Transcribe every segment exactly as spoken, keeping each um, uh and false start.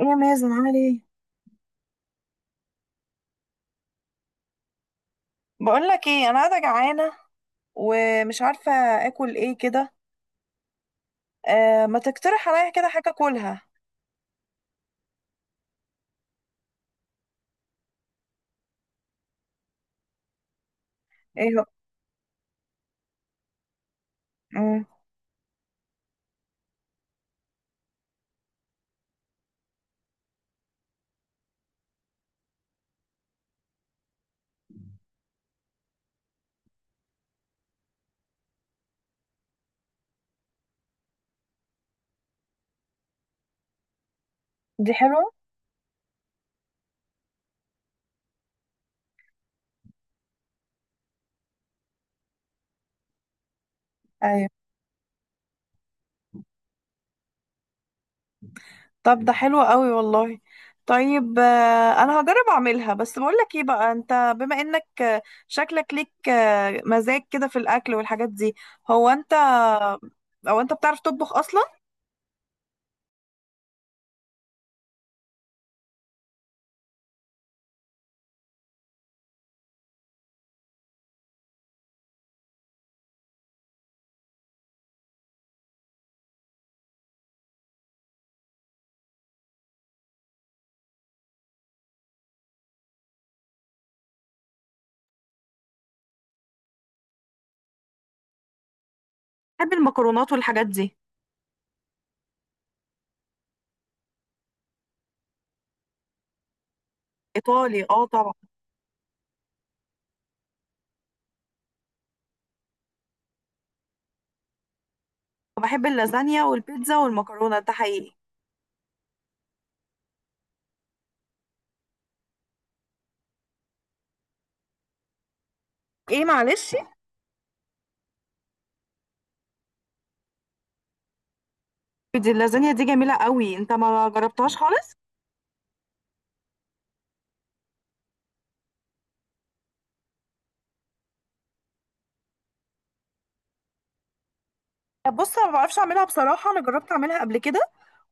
يا مازن، عامل ايه؟ بقول لك ايه، انا قاعده جعانه ومش عارفه اكل ايه كده. آه ما تقترح عليا كده حاجه اكلها. ايه هو؟ مم. دي حلوه. ايوه، طب ده حلو قوي والله. طيب، آه انا هجرب اعملها. بس بقول لك ايه بقى، انت بما انك آه، شكلك ليك آه، مزاج كده في الاكل والحاجات دي. هو انت، او انت بتعرف تطبخ اصلا؟ بحب المكرونات والحاجات دي. ايطالي، اه طبعا. بحب اللازانيا والبيتزا والمكرونه ده حقيقي. ايه معلش. دي اللازانيا دي جميلة قوي، انت ما جربتهاش خالص؟ بص، انا ما بعرفش اعملها بصراحه. انا جربت اعملها قبل كده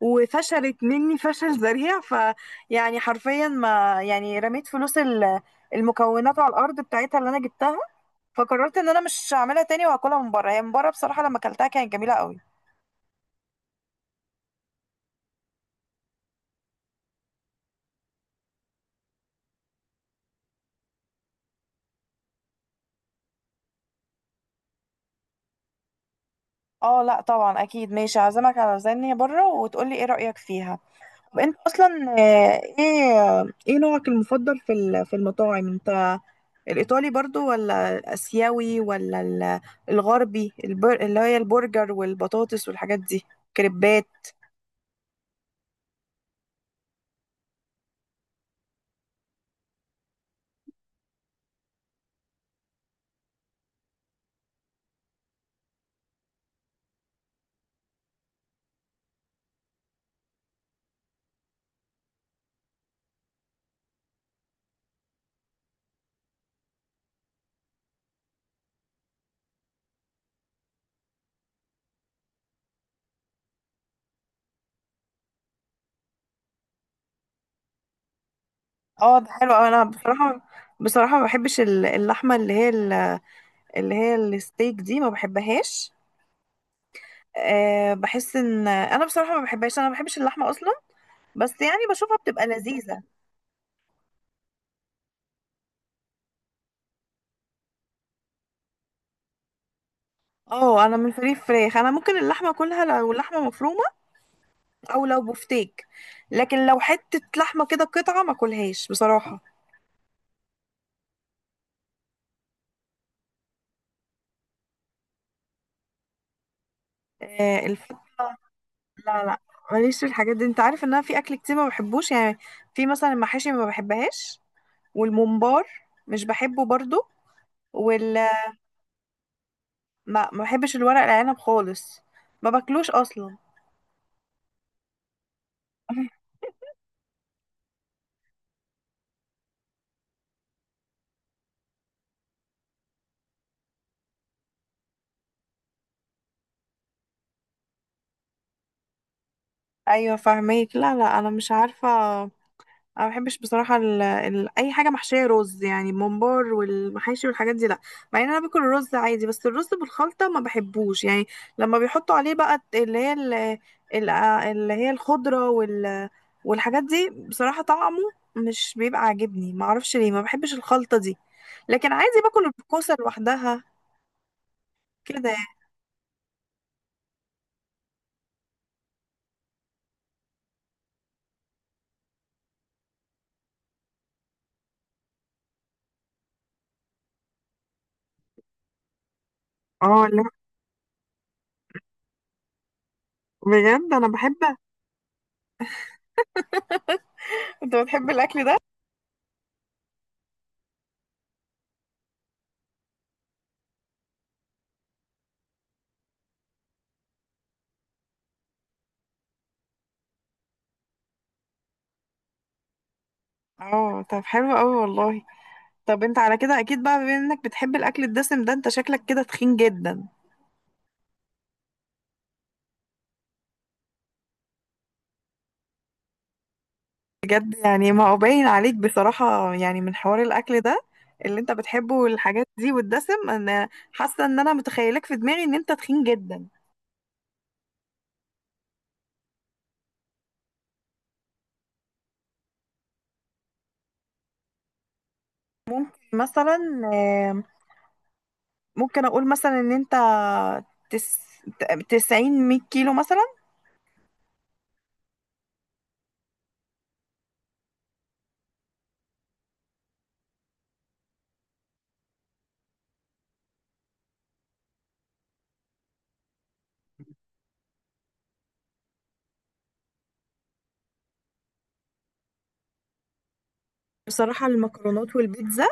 وفشلت مني فشل ذريع، ف يعني حرفيا ما يعني رميت فلوس ال- المكونات على الارض بتاعتها اللي انا جبتها. فقررت ان انا مش هعملها تاني واكلها من بره. هي من بره بصراحه لما اكلتها كانت جميله قوي. اه، لا طبعا، اكيد ماشي. هعزمك على لازانيا بره وتقولي ايه رايك فيها. طب انت اصلا، آه، ايه آه، ايه نوعك المفضل في ال- في المطاعم؟ انت الإيطالي برضو، ولا الآسيوي، ولا ال- الغربي، البر... اللي هي البرجر والبطاطس والحاجات دي؟ كريبات. اه ده حلو أوي. انا بصراحة بصراحة ما بحبش ال- اللحمة، اللي هي ال- اللي هي الستيك دي، ما بحبهاش. أه، بحس ان انا بصراحة ما بحبهاش، انا ما بحبش اللحمة اصلا. بس يعني بشوفها بتبقى لذيذة. اه، انا من فريق فراخ. انا ممكن اللحمة كلها لو اللحمة مفرومة او لو بفتيك، لكن لو حتة لحمة كده قطعة ما كلهاش بصراحة. آه، الف- لا لا، ماليش في الحاجات دي. انت عارف ان انا في اكل كتير ما بحبوش يعني. في مثلا المحاشي ما بحبهاش، والممبار مش بحبه برضو، وال ما ما بحبش الورق العنب خالص، ما باكلوش اصلا. ايوه فاهمك. لا لا، انا مش عارفه. انا ما بحبش بصراحه ال... ال... اي حاجه محشيه رز يعني، ممبار والمحاشي والحاجات دي لا. مع ان انا باكل الرز عادي، بس الرز بالخلطه ما بحبوش يعني. لما بيحطوا عليه بقى اللي هي ال... ال... آه، اللي هي الخضره وال... والحاجات دي، بصراحه طعمه مش بيبقى عاجبني. ما اعرفش ليه ما بحبش الخلطه دي، لكن عادي باكل الكوسه لوحدها كده يعني. اه لا، بجد انا بحب. انت بتحب الاكل ده؟ اه، طب حلو قوي والله. طب انت على كده اكيد بقى، بما انك بتحب الاكل الدسم ده، انت شكلك كده تخين جدا. بجد يعني، ما هو باين عليك بصراحة يعني من حوار الاكل ده اللي انت بتحبه والحاجات دي والدسم، انا حاسة ان انا متخيلك في دماغي ان انت تخين جدا. مثلا، آم، ممكن اقول مثلا ان انت تس... تسعين مية كيلو مثلا. بصراحة المكرونات والبيتزا،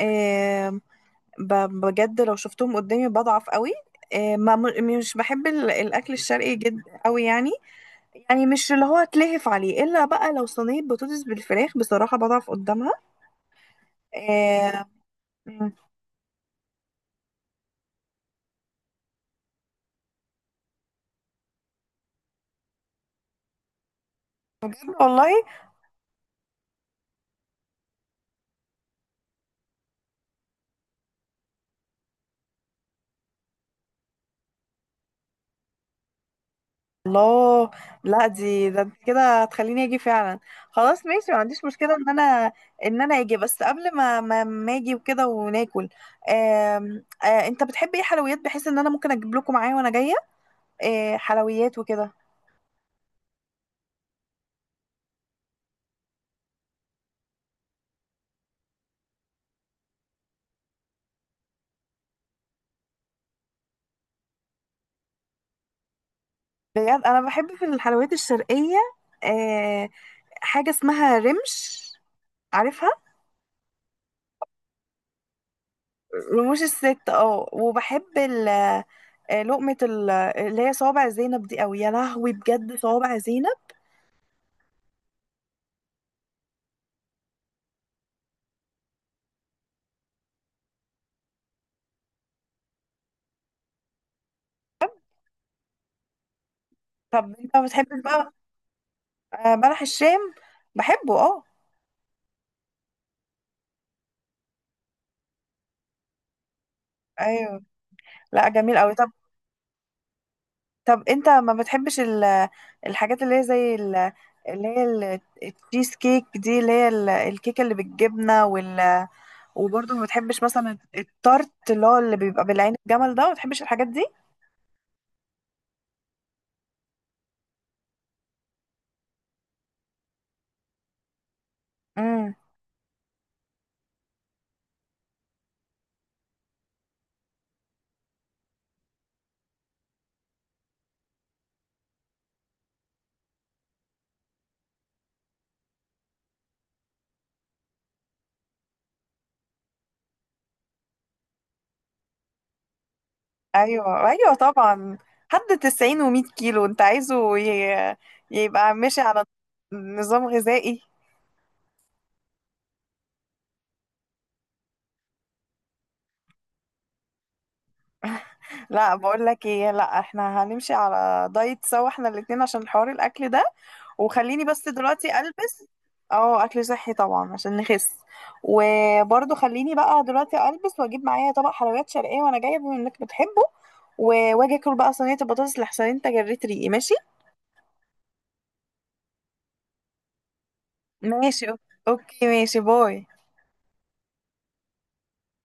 آم، ب- بجد لو شفتهم قدامي بضعف قوي. آم، ما مش بحب ال- الاكل الشرقي جدا قوي يعني. يعني مش اللي هو اتلهف عليه، الا بقى لو صينيه بطاطس بالفراخ، بصراحه بضعف قدامها. آه. مم. والله. الله. لا دي، ده انت كده هتخليني اجي فعلا. خلاص ماشي، ما عنديش مشكله ان انا ان انا اجي. بس قبل ما ما, ما اجي وكده وناكل، آم، آه انت بتحب ايه حلويات بحيث ان انا ممكن اجيب لكم معايا وانا جايه؟ آه حلويات وكده. بجد انا بحب في الحلويات الشرقيه، آه، حاجه اسمها رمش، عارفها؟ رموش الست، اه. وبحب ال آه، لقمة ال- اللي هي صوابع زينب دي قوي. يا لهوي بجد، صوابع زينب. طب انت ما بتحبش بقى آه، بلح الشام؟ بحبه اه. ايوه لا، جميل قوي. طب، طب انت ما بتحبش ال- الحاجات اللي هي زي ال- اللي هي ال- التشيز كيك دي، اللي هي ال- الكيكة اللي بالجبنة وال... وبرضه ما بتحبش مثلا التارت اللي هو اللي بيبقى بالعين الجمل ده، ما بتحبش الحاجات دي؟ ايوه ايوه طبعا. حد تسعين و100 كيلو انت عايزه ي- يبقى ماشي على نظام غذائي. لا، بقول لك ايه، لا احنا هنمشي على دايت سوا احنا الاتنين عشان حوار الاكل ده. وخليني بس دلوقتي البس. اه، اكل صحي طبعا عشان نخس. وبرضه خليني بقى دلوقتي البس واجيب معايا طبق حلويات شرقيه وانا جايه بما انك بتحبه. و- واجي اكل بقى صينيه البطاطس لحسن انت جريت ريقي. ماشي ماشي أو- اوكي ماشي، باي.